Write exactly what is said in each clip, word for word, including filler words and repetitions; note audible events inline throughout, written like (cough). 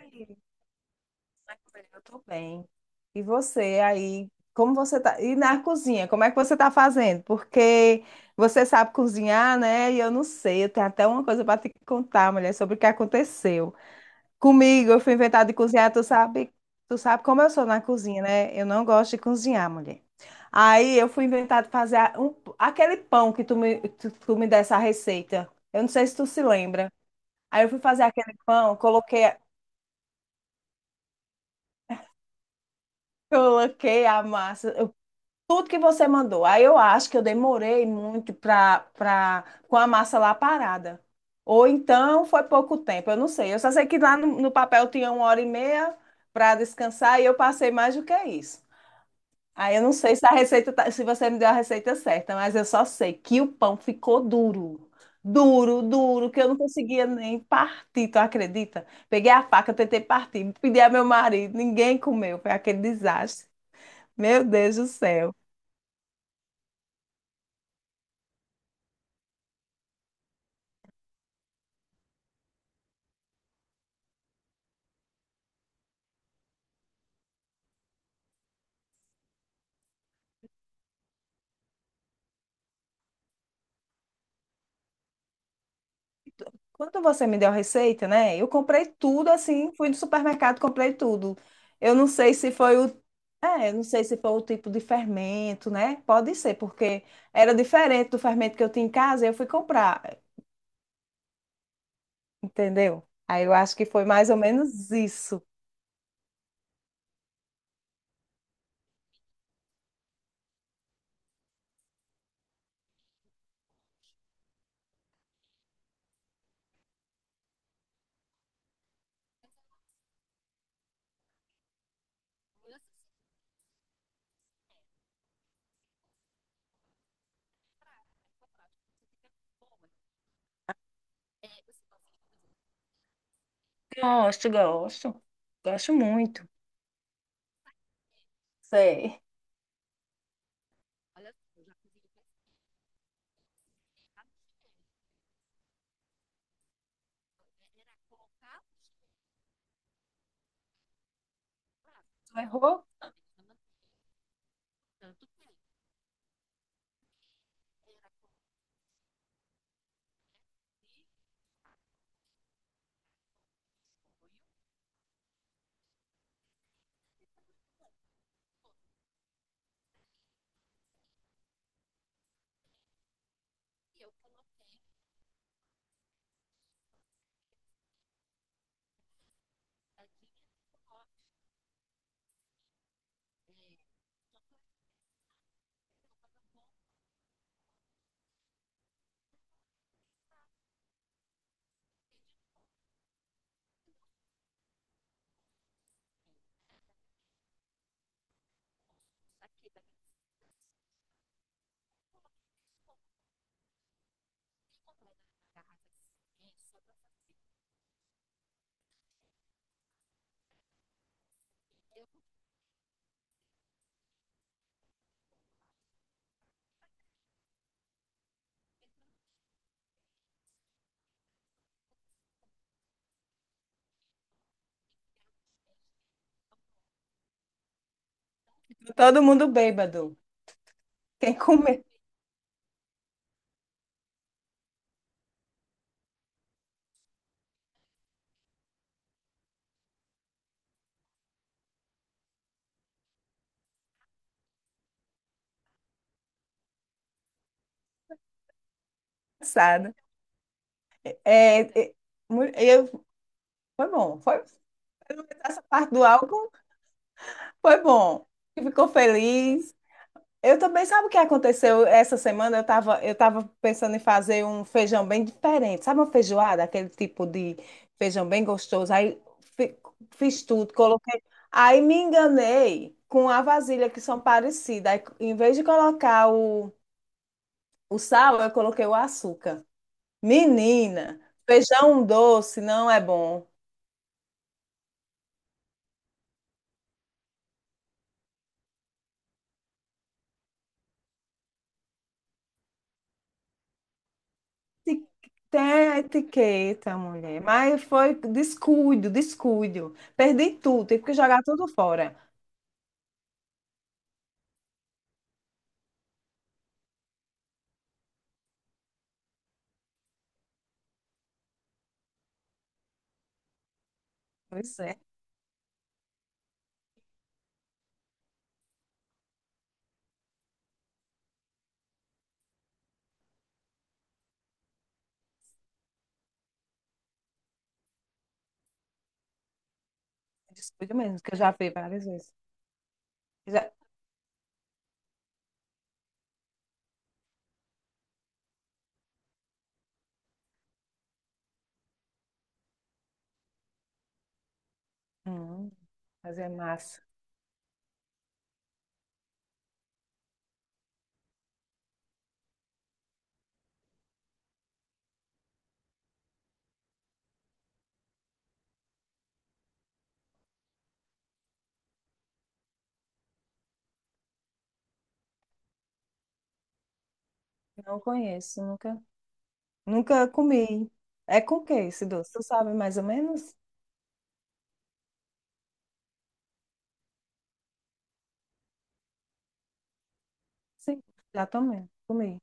Oi, eu tô bem. E você aí, como você tá? E na cozinha, como é que você tá fazendo? Porque você sabe cozinhar, né? E eu não sei, eu tenho até uma coisa para te contar, mulher, sobre o que aconteceu. Comigo, eu fui inventar de cozinhar, tu sabe, tu sabe como eu sou na cozinha, né? Eu não gosto de cozinhar, mulher. Aí eu fui inventar de fazer a- um- aquele pão que tu me, tu, tu me desse a receita. Eu não sei se tu se lembra. Aí eu fui fazer aquele pão, coloquei, coloquei a massa. Tudo que você mandou. Aí eu acho que eu demorei muito pra, pra, com a massa lá parada. Ou então foi pouco tempo, eu não sei. Eu só sei que lá no, no papel tinha uma hora e meia para descansar e eu passei mais do que isso. Aí eu não sei se a receita, tá- se você me deu a receita certa, mas eu só sei que o pão ficou duro. Duro, duro, que eu não conseguia nem partir, tu acredita? Peguei a faca, tentei partir, pedi a meu marido, ninguém comeu, foi aquele desastre. Meu Deus do céu. Quando você me deu a receita, né? Eu comprei tudo assim, fui no supermercado, comprei tudo. Eu não sei se foi o, é, eu não sei se foi o tipo de fermento, né? Pode ser, porque era diferente do fermento que eu tinha em casa, e eu fui comprar, entendeu? Aí eu acho que foi mais ou menos isso. Gosto, gosto. Gosto muito. Sei. Tu errou? Todo mundo bêbado. Quem comeu (laughs) sabe? É, é, mu- eu, foi bom. Foi essa parte do álcool. Foi bom. Ficou feliz. Eu também, sabe o que aconteceu essa semana? Eu estava eu tava pensando em fazer um feijão bem diferente. Sabe uma feijoada? Aquele tipo de feijão bem gostoso. Aí fi- fiz tudo, coloquei. Aí me enganei com a vasilha, que são parecidas. Aí, em vez de colocar o, o sal, eu coloquei o açúcar. Menina, feijão doce não é bom. Tem a etiqueta, mulher. Mas foi descuido, descuido. Perdi tudo, tive que jogar tudo fora. Pois é, é descuido mesmo, que eu já fiz várias vezes. Já- Hum, mas é massa. Não conheço, nunca, nunca comi. É com o que esse doce? Tu sabe mais ou menos? Sim, exatamente. Comi.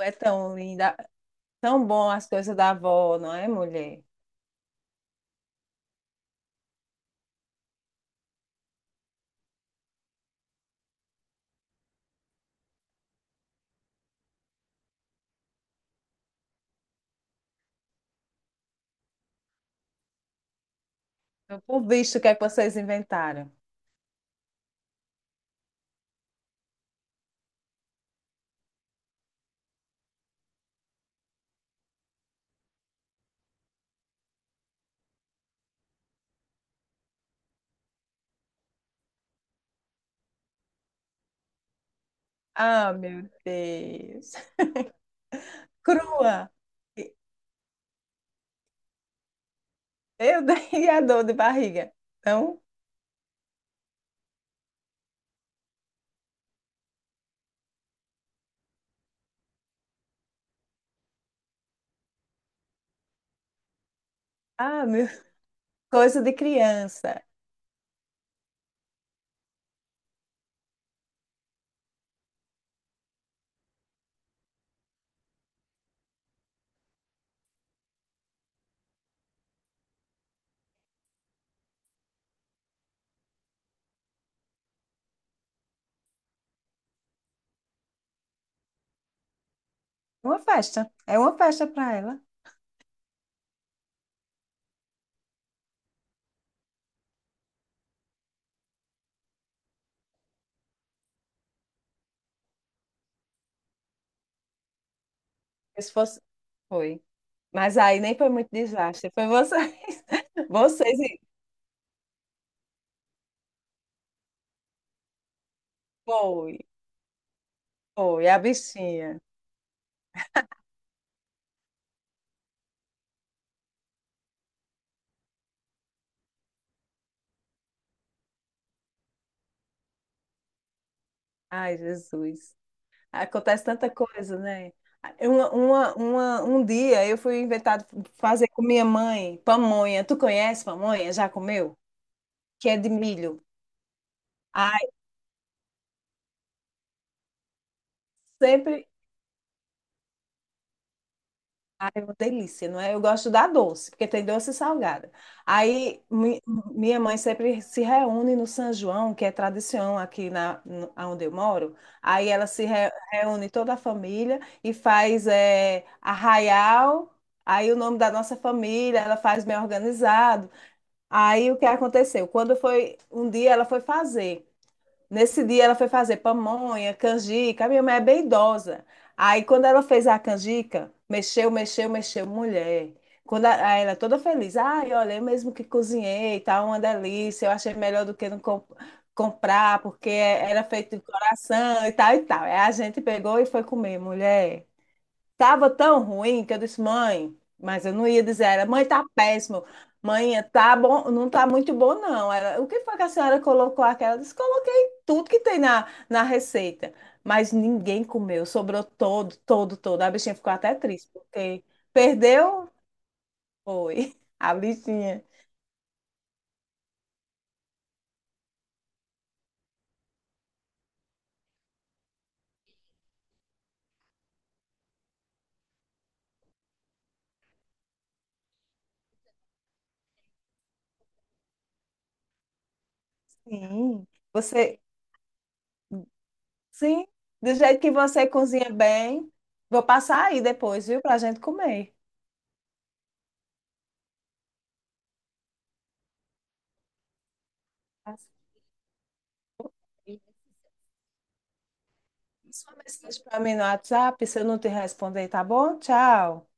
É tão linda, tão bom as coisas da avó, não é, mulher? Eu por visto o que é que vocês inventaram. Ah, meu Deus. (laughs) Crua. E- Eu (laughs) dei a dor de barriga. Então, ah, meu, coisa de criança. Uma festa. É uma festa para ela. Se fosse... Foi. Mas aí nem foi muito desastre. Foi vocês. (laughs) Vocês e... Foi. Foi. A bichinha. Ai, Jesus. Acontece tanta coisa, né? Uma, uma, uma- um dia eu fui inventar fazer com minha mãe pamonha. Tu conhece pamonha? Já comeu? Que é de milho. Ai, sempre Ah, é uma delícia, não é? Eu gosto da doce, porque tem doce e salgada. Aí mi- minha mãe sempre se reúne no São João, que é tradição aqui na, no- onde eu moro. Aí ela se re- reúne toda a família e faz eh, arraial. Aí o nome da nossa família, ela faz bem organizado. Aí o que aconteceu? Quando foi um dia ela foi fazer. Nesse dia ela foi fazer pamonha, canjica. A minha mãe é bem idosa. Aí quando ela fez a canjica, mexeu, mexeu, mexeu, mulher. Quando a- aí ela é toda feliz, ai, olha, eu mesmo que cozinhei, tá uma delícia. Eu achei melhor do que não com- comprar, porque era feito de coração e tal e tal. Aí a gente pegou e foi comer, mulher. Tava tão ruim que eu disse, mãe, mas eu não ia dizer, era, mãe, tá péssimo. Mãe, tá bom, não tá muito bom, não. Ela, o que foi que a senhora colocou aquela? Ela disse, coloquei tudo que tem na, na receita. Mas ninguém comeu, sobrou todo, todo, todo. A bichinha ficou até triste, porque perdeu, foi. (laughs) A bichinha. Sim. Você, sim, do jeito que você cozinha bem, vou passar aí depois, viu, pra gente comer. Sua mensagem para mim no WhatsApp, se eu não te responder, tá bom? Tchau.